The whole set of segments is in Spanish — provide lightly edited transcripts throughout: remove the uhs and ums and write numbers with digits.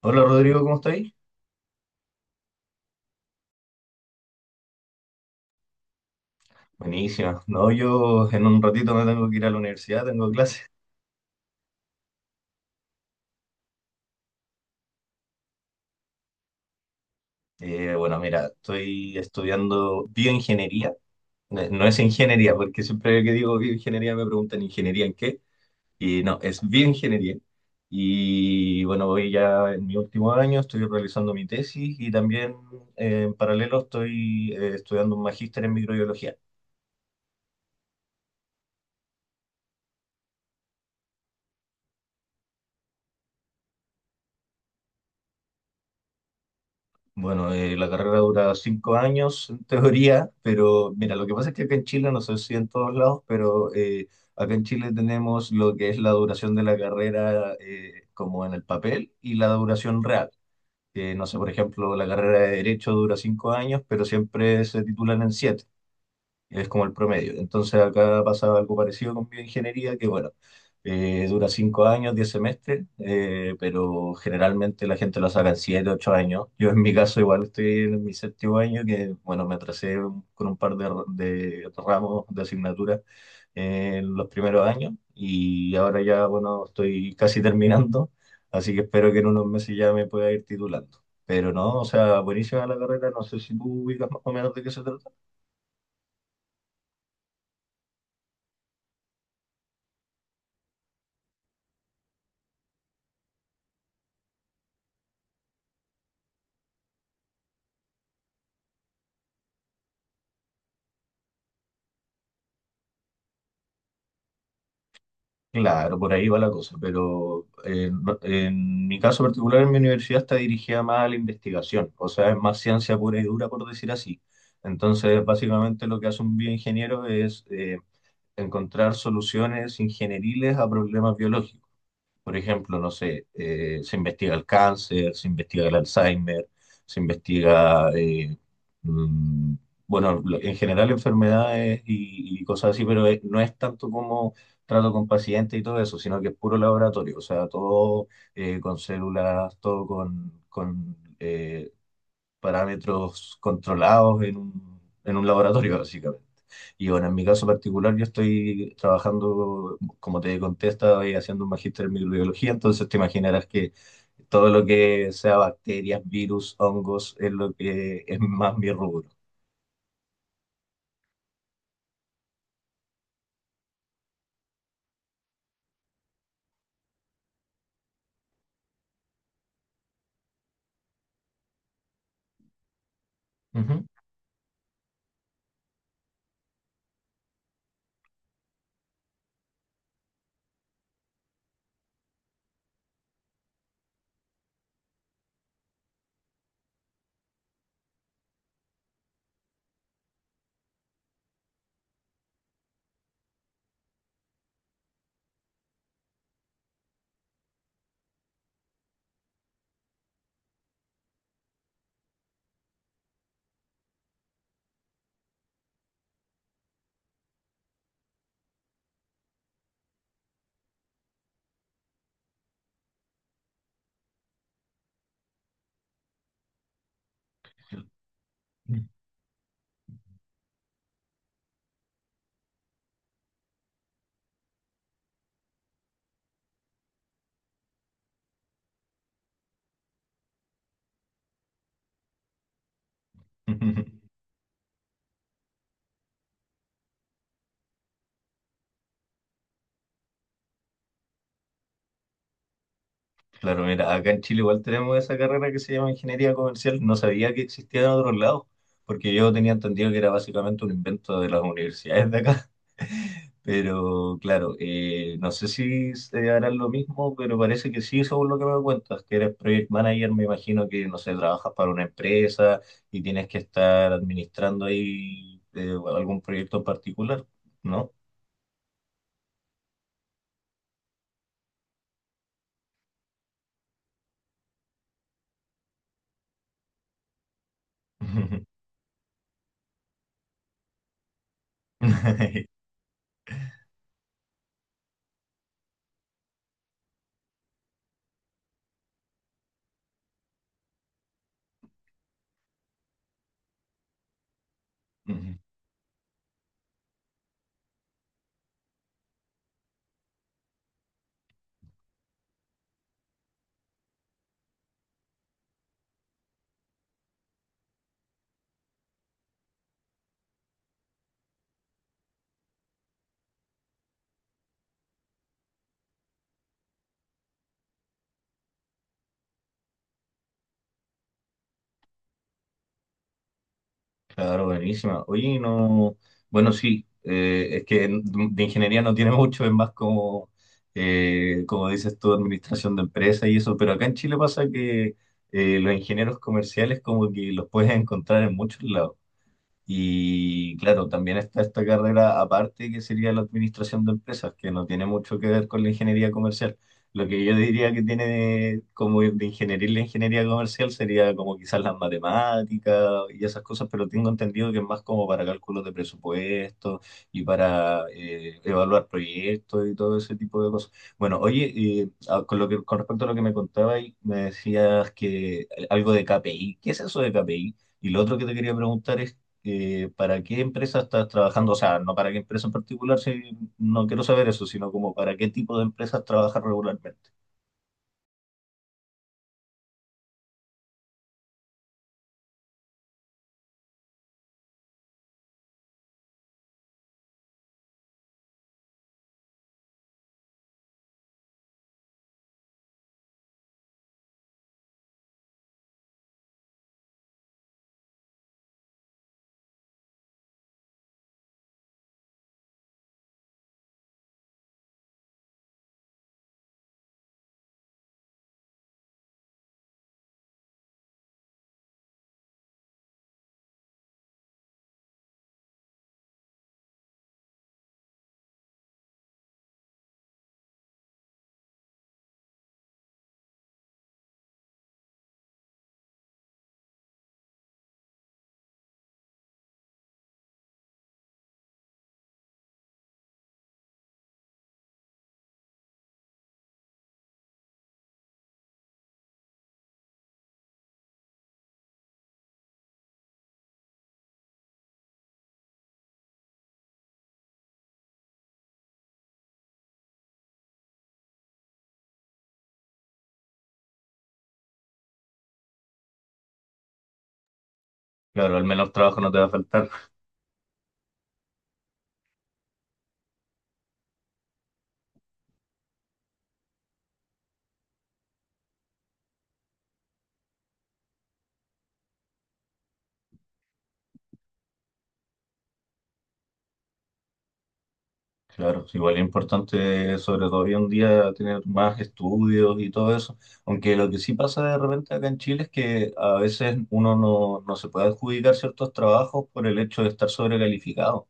Hola Rodrigo, ¿cómo estáis? Buenísima. No, yo en un ratito me tengo que ir a la universidad, tengo clase. Bueno, mira, estoy estudiando bioingeniería. No es ingeniería, porque siempre que digo bioingeniería me preguntan ingeniería en qué. Y no, es bioingeniería. Y bueno, voy ya en mi último año, estoy realizando mi tesis y también en paralelo estoy estudiando un magíster en microbiología. Bueno, la carrera dura 5 años en teoría, pero mira, lo que pasa es que acá en Chile, no sé si en todos lados, pero acá en Chile tenemos lo que es la duración de la carrera como en el papel y la duración real. No sé, por ejemplo, la carrera de Derecho dura 5 años, pero siempre se titulan en 7, es como el promedio. Entonces acá pasa algo parecido con bioingeniería, que bueno, dura 5 años, 10 semestres, pero generalmente la gente lo saca en 7, 8 años. Yo en mi caso igual estoy en mi séptimo año, que bueno, me atrasé con un par de ramos de asignaturas en los primeros años y ahora ya, bueno, estoy casi terminando, así que espero que en unos meses ya me pueda ir titulando. Pero no, o sea, buenísima la carrera, no sé si tú ubicas más o menos de qué se trata. Claro, por ahí va la cosa, pero en mi caso particular en mi universidad está dirigida más a la investigación, o sea, es más ciencia pura y dura, por decir así. Entonces, básicamente lo que hace un bioingeniero es encontrar soluciones ingenieriles a problemas biológicos. Por ejemplo, no sé, se investiga el cáncer, se investiga el Alzheimer, se investiga, mm, bueno, en general enfermedades y cosas así, pero no es tanto como trato con pacientes y todo eso, sino que es puro laboratorio, o sea, todo con células, todo con parámetros controlados en en un laboratorio, básicamente. Y bueno, en mi caso particular, yo estoy trabajando, como te conté, estoy haciendo un magíster en microbiología, entonces te imaginarás que todo lo que sea bacterias, virus, hongos, es lo que es más mi rubro. Ujú. Claro, mira, acá en Chile igual tenemos esa carrera que se llama ingeniería comercial. No sabía que existía en otros lados, porque yo tenía entendido que era básicamente un invento de las universidades de acá. Pero claro, no sé si se harán lo mismo, pero parece que sí, según lo que me cuentas, que eres project manager, me imagino que, no sé, trabajas para una empresa y tienes que estar administrando ahí algún proyecto en particular, ¿no? Claro, buenísima. Oye, no, bueno, sí, es que de ingeniería no tiene mucho, es más como, como dices tú, administración de empresas y eso, pero acá en Chile pasa que los ingenieros comerciales como que los puedes encontrar en muchos lados. Y claro, también está esta carrera aparte que sería la administración de empresas, que no tiene mucho que ver con la ingeniería comercial. Lo que yo diría que tiene como de ingeniería y la ingeniería comercial sería como quizás las matemáticas y esas cosas, pero tengo entendido que es más como para cálculos de presupuesto y para evaluar proyectos y todo ese tipo de cosas. Bueno, oye, con lo que, con respecto a lo que me contabas, me decías que algo de KPI. ¿Qué es eso de KPI? Y lo otro que te quería preguntar es ¿para qué empresa estás trabajando? O sea, no para qué empresa en particular, si no quiero saber eso, sino como para qué tipo de empresas trabajas regularmente. Claro, al menos trabajo no te va a faltar. Claro, igual es importante, sobre todo hoy en día, tener más estudios y todo eso. Aunque lo que sí pasa de repente acá en Chile es que a veces uno no, no se puede adjudicar ciertos trabajos por el hecho de estar sobrecalificado.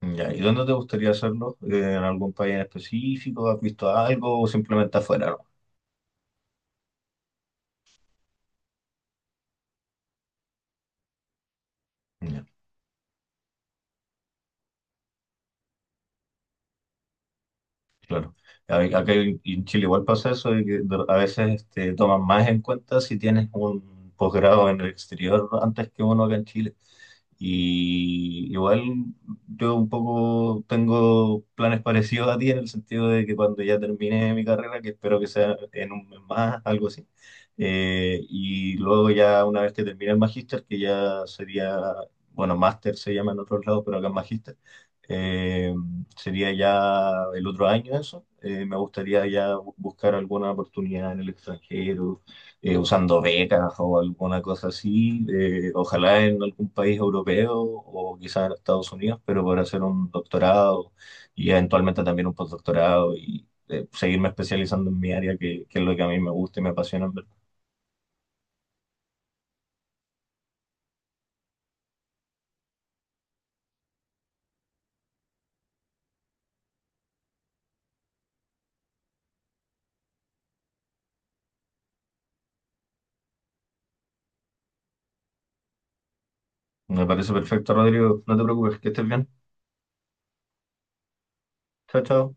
Ya, ¿y dónde te gustaría hacerlo? ¿En algún país en específico? ¿Has visto algo o simplemente afuera, no? Claro. A- Acá en Chile igual pasa eso, de que a veces este, toman más en cuenta si tienes un posgrado en el exterior antes que uno acá en Chile. Y igual yo un poco tengo planes parecidos a ti en el sentido de que cuando ya termine mi carrera, que espero que sea en un mes más, algo así, y luego ya una vez que termine el magíster, que ya sería, bueno, máster se llama en otros lados, pero acá es magíster, eh, sería ya el otro año eso. Me gustaría ya buscar alguna oportunidad en el extranjero, usando becas o alguna cosa así. Ojalá en algún país europeo o quizás en Estados Unidos, pero para hacer un doctorado y eventualmente también un postdoctorado y seguirme especializando en mi área, que es lo que a mí me gusta y me apasiona. En verdad. Me parece perfecto, Rodrigo. No te preocupes, que estés bien. Chao, chao.